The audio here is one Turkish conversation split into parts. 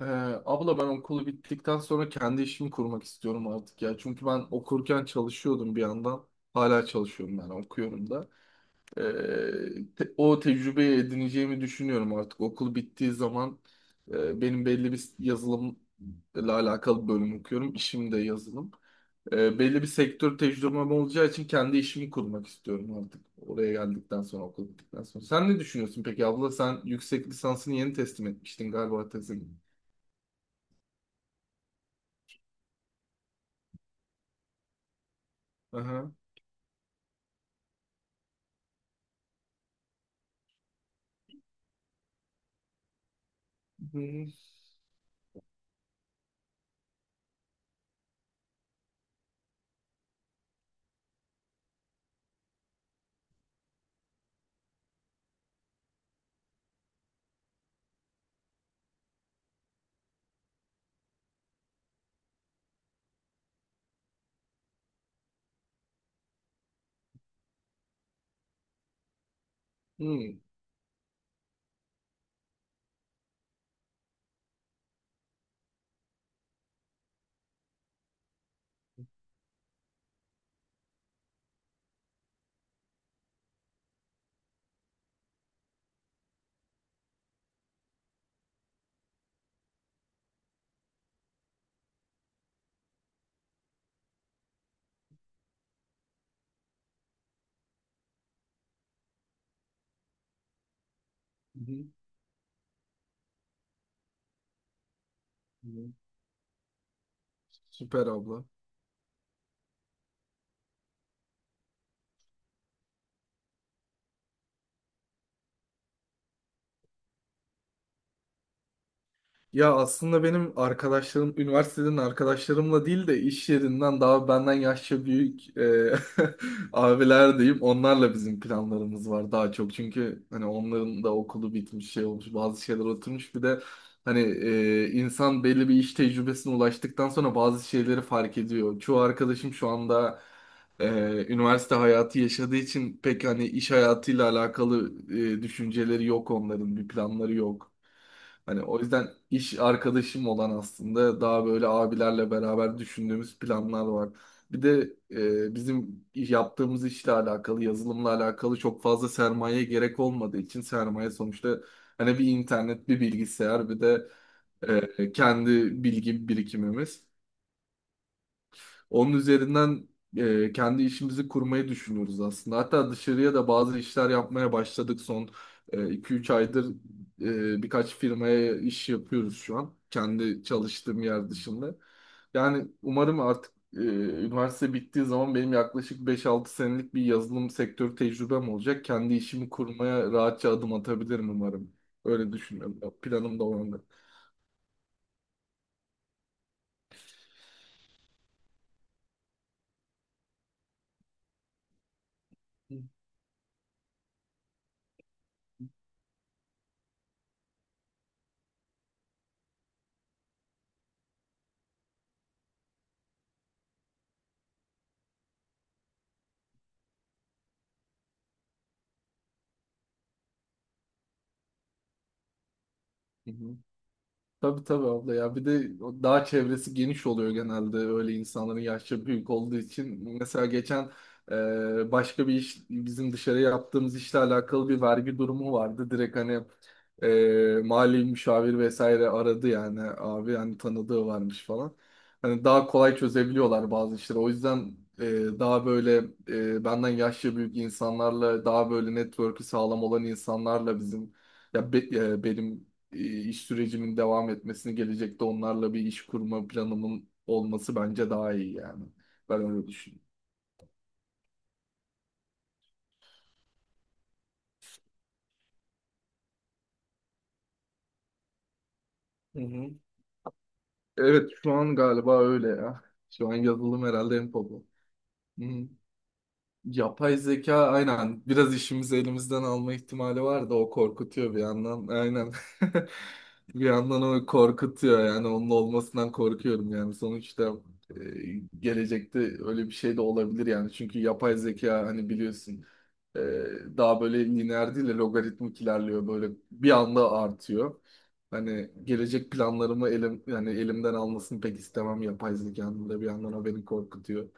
Ee, abla ben okulu bittikten sonra kendi işimi kurmak istiyorum artık ya. Çünkü ben okurken çalışıyordum bir yandan. Hala çalışıyorum yani okuyorum da. Ee, O tecrübeyi edineceğimi düşünüyorum artık. Okul bittiği zaman benim belli bir yazılımla alakalı bölüm okuyorum. İşim de yazılım. Belli bir sektör tecrübem olacağı için kendi işimi kurmak istiyorum artık. Oraya geldikten sonra okul bittikten sonra. Sen ne düşünüyorsun peki abla? Sen yüksek lisansını yeni teslim etmiştin galiba tezin. Hı hı. Hı hı. Hı hı. Süper abla. Ya aslında benim arkadaşlarım, üniversiteden arkadaşlarımla değil de iş yerinden daha benden yaşça büyük abiler diyeyim. Onlarla bizim planlarımız var daha çok. Çünkü hani onların da okulu bitmiş şey olmuş, bazı şeyler oturmuş. Bir de hani insan belli bir iş tecrübesine ulaştıktan sonra bazı şeyleri fark ediyor. Çoğu arkadaşım şu anda e, üniversite hayatı yaşadığı için pek hani iş hayatıyla alakalı düşünceleri yok onların, bir planları yok. Hani o yüzden iş arkadaşım olan aslında daha böyle abilerle beraber düşündüğümüz planlar var. Bir de bizim yaptığımız işle alakalı, yazılımla alakalı çok fazla sermaye gerek olmadığı için sermaye sonuçta hani bir internet, bir bilgisayar, bir de kendi bilgi birikimimiz. Onun üzerinden kendi işimizi kurmayı düşünüyoruz aslında. Hatta dışarıya da bazı işler yapmaya başladık son 2-3 aydır birkaç firmaya iş yapıyoruz şu an. Kendi çalıştığım yer dışında. Yani umarım artık üniversite bittiği zaman benim yaklaşık beş-altı senelik bir yazılım sektörü tecrübem olacak. Kendi işimi kurmaya rahatça adım atabilirim umarım. Öyle düşünüyorum. Planım da o yönde. Hı hı. Tabii tabii abla ya bir de o dağ çevresi geniş oluyor genelde öyle insanların yaşça büyük olduğu için. Mesela geçen başka bir iş bizim dışarı yaptığımız işle alakalı bir vergi durumu vardı. Direkt hani mali müşavir vesaire aradı yani abi hani tanıdığı varmış falan. Hani daha kolay çözebiliyorlar bazı işleri. O yüzden daha böyle benden yaşça büyük insanlarla daha böyle network'ü sağlam olan insanlarla bizim benim iş sürecimin devam etmesini gelecekte onlarla bir iş kurma planımın olması bence daha iyi yani. Ben öyle düşünüyorum. Hı hı. Evet şu an galiba öyle ya. Şu an yazılım herhalde en pahalı. Hı. Yapay zeka aynen biraz işimizi elimizden alma ihtimali var da o korkutuyor bir yandan. Aynen. Bir yandan o korkutuyor yani onun olmasından korkuyorum yani sonuçta gelecekte öyle bir şey de olabilir yani çünkü yapay zeka hani biliyorsun e, daha böyle lineer değil de logaritmik ilerliyor böyle bir anda artıyor. Hani gelecek planlarımı elim yani elimden almasını pek istemem yapay zekanın da bir yandan o beni korkutuyor.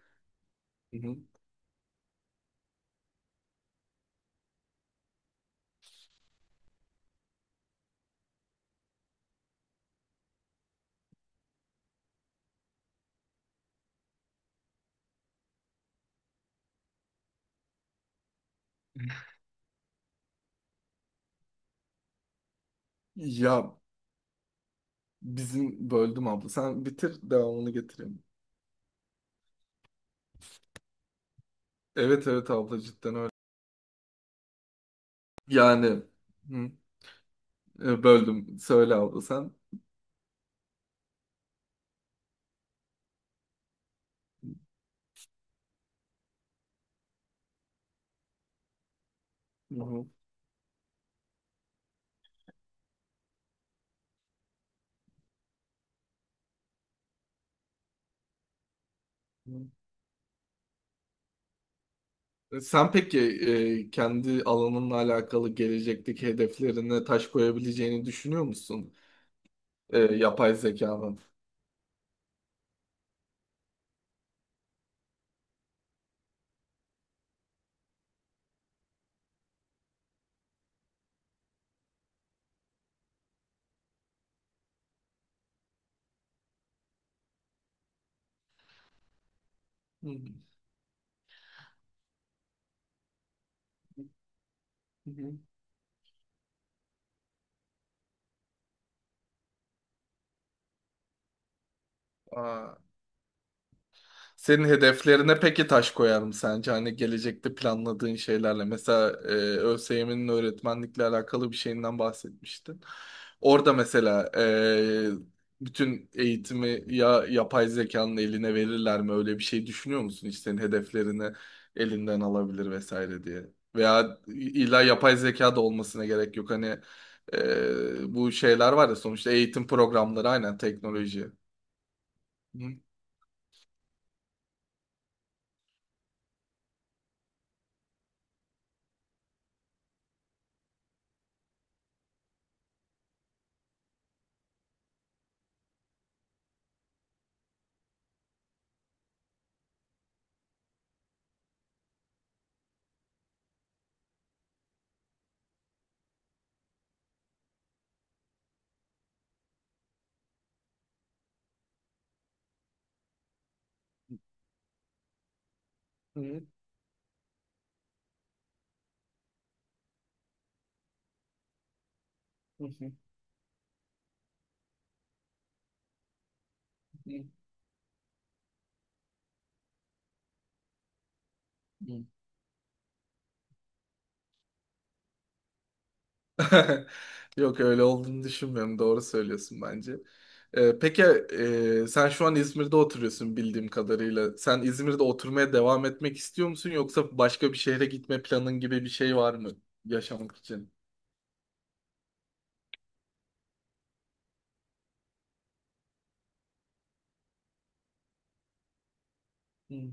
Hı hı. Ya bizim böldüm abla. Sen bitir devamını getireyim. Evet evet abla cidden öyle. Yani hı, Böldüm. Söyle abla sen. Hı hı. E, Sen peki kendi alanınla alakalı gelecekteki hedeflerine taş koyabileceğini düşünüyor musun? E, yapay zekanın. Hı hı. Hı hı. Aa, senin hedeflerine peki taş koyar mı sence? Hani gelecekte planladığın şeylerle. Mesela ÖSYM'nin öğretmenlikle alakalı bir şeyinden bahsetmiştin. Orada mesela bütün eğitimi ya yapay zekanın eline verirler mi? Öyle bir şey düşünüyor musun? İşte senin hedeflerini elinden alabilir vesaire diye. Veya illa yapay zeka da olmasına gerek yok. Hani bu şeyler var ya sonuçta eğitim programları aynen teknoloji. Hı hı hı hı. Yok öyle olduğunu düşünmüyorum. Doğru söylüyorsun bence. Peki sen şu an İzmir'de oturuyorsun bildiğim kadarıyla. Sen İzmir'de oturmaya devam etmek istiyor musun yoksa başka bir şehre gitme planın gibi bir şey var mı yaşamak için? Hmm.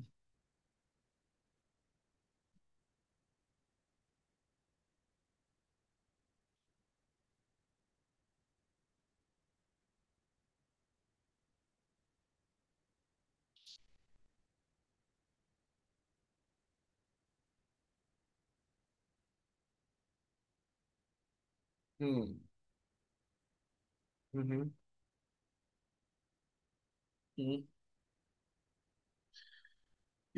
Hmm. Hı hı. Hı.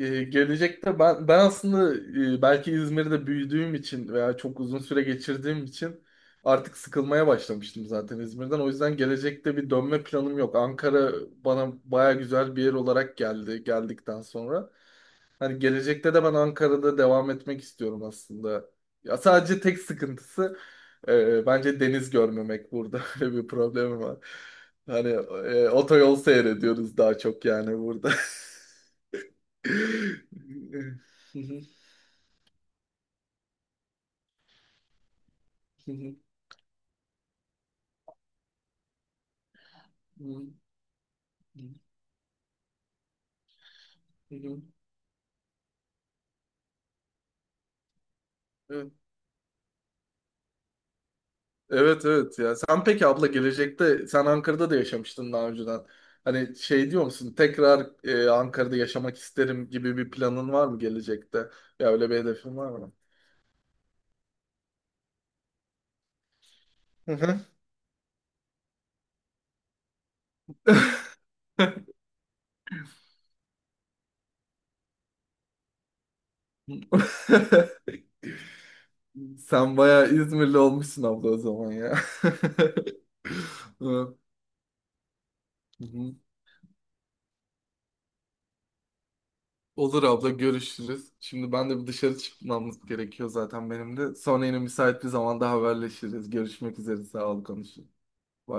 Gelecekte ben aslında belki İzmir'de büyüdüğüm için veya çok uzun süre geçirdiğim için artık sıkılmaya başlamıştım zaten İzmir'den. O yüzden gelecekte bir dönme planım yok. Ankara bana baya güzel bir yer olarak geldi geldikten sonra. Hani gelecekte de ben Ankara'da devam etmek istiyorum aslında. Ya sadece tek sıkıntısı bence deniz görmemek burada. Öyle bir problemim var. Hani otoyol seyrediyoruz daha çok yani burada. Evet evet evet ya. Sen peki abla gelecekte sen Ankara'da da yaşamıştın daha önceden. Hani şey diyor musun tekrar Ankara'da yaşamak isterim gibi bir planın var mı gelecekte? Ya öyle bir hedefin var mı? Hı hı. Sen bayağı İzmirli olmuşsun abla o zaman ya. Hı hı. Olur abla görüşürüz. Şimdi ben de bir dışarı çıkmamız gerekiyor zaten benim de. Sonra yine müsait bir zamanda haberleşiriz. Görüşmek üzere. Sağ ol konuşun.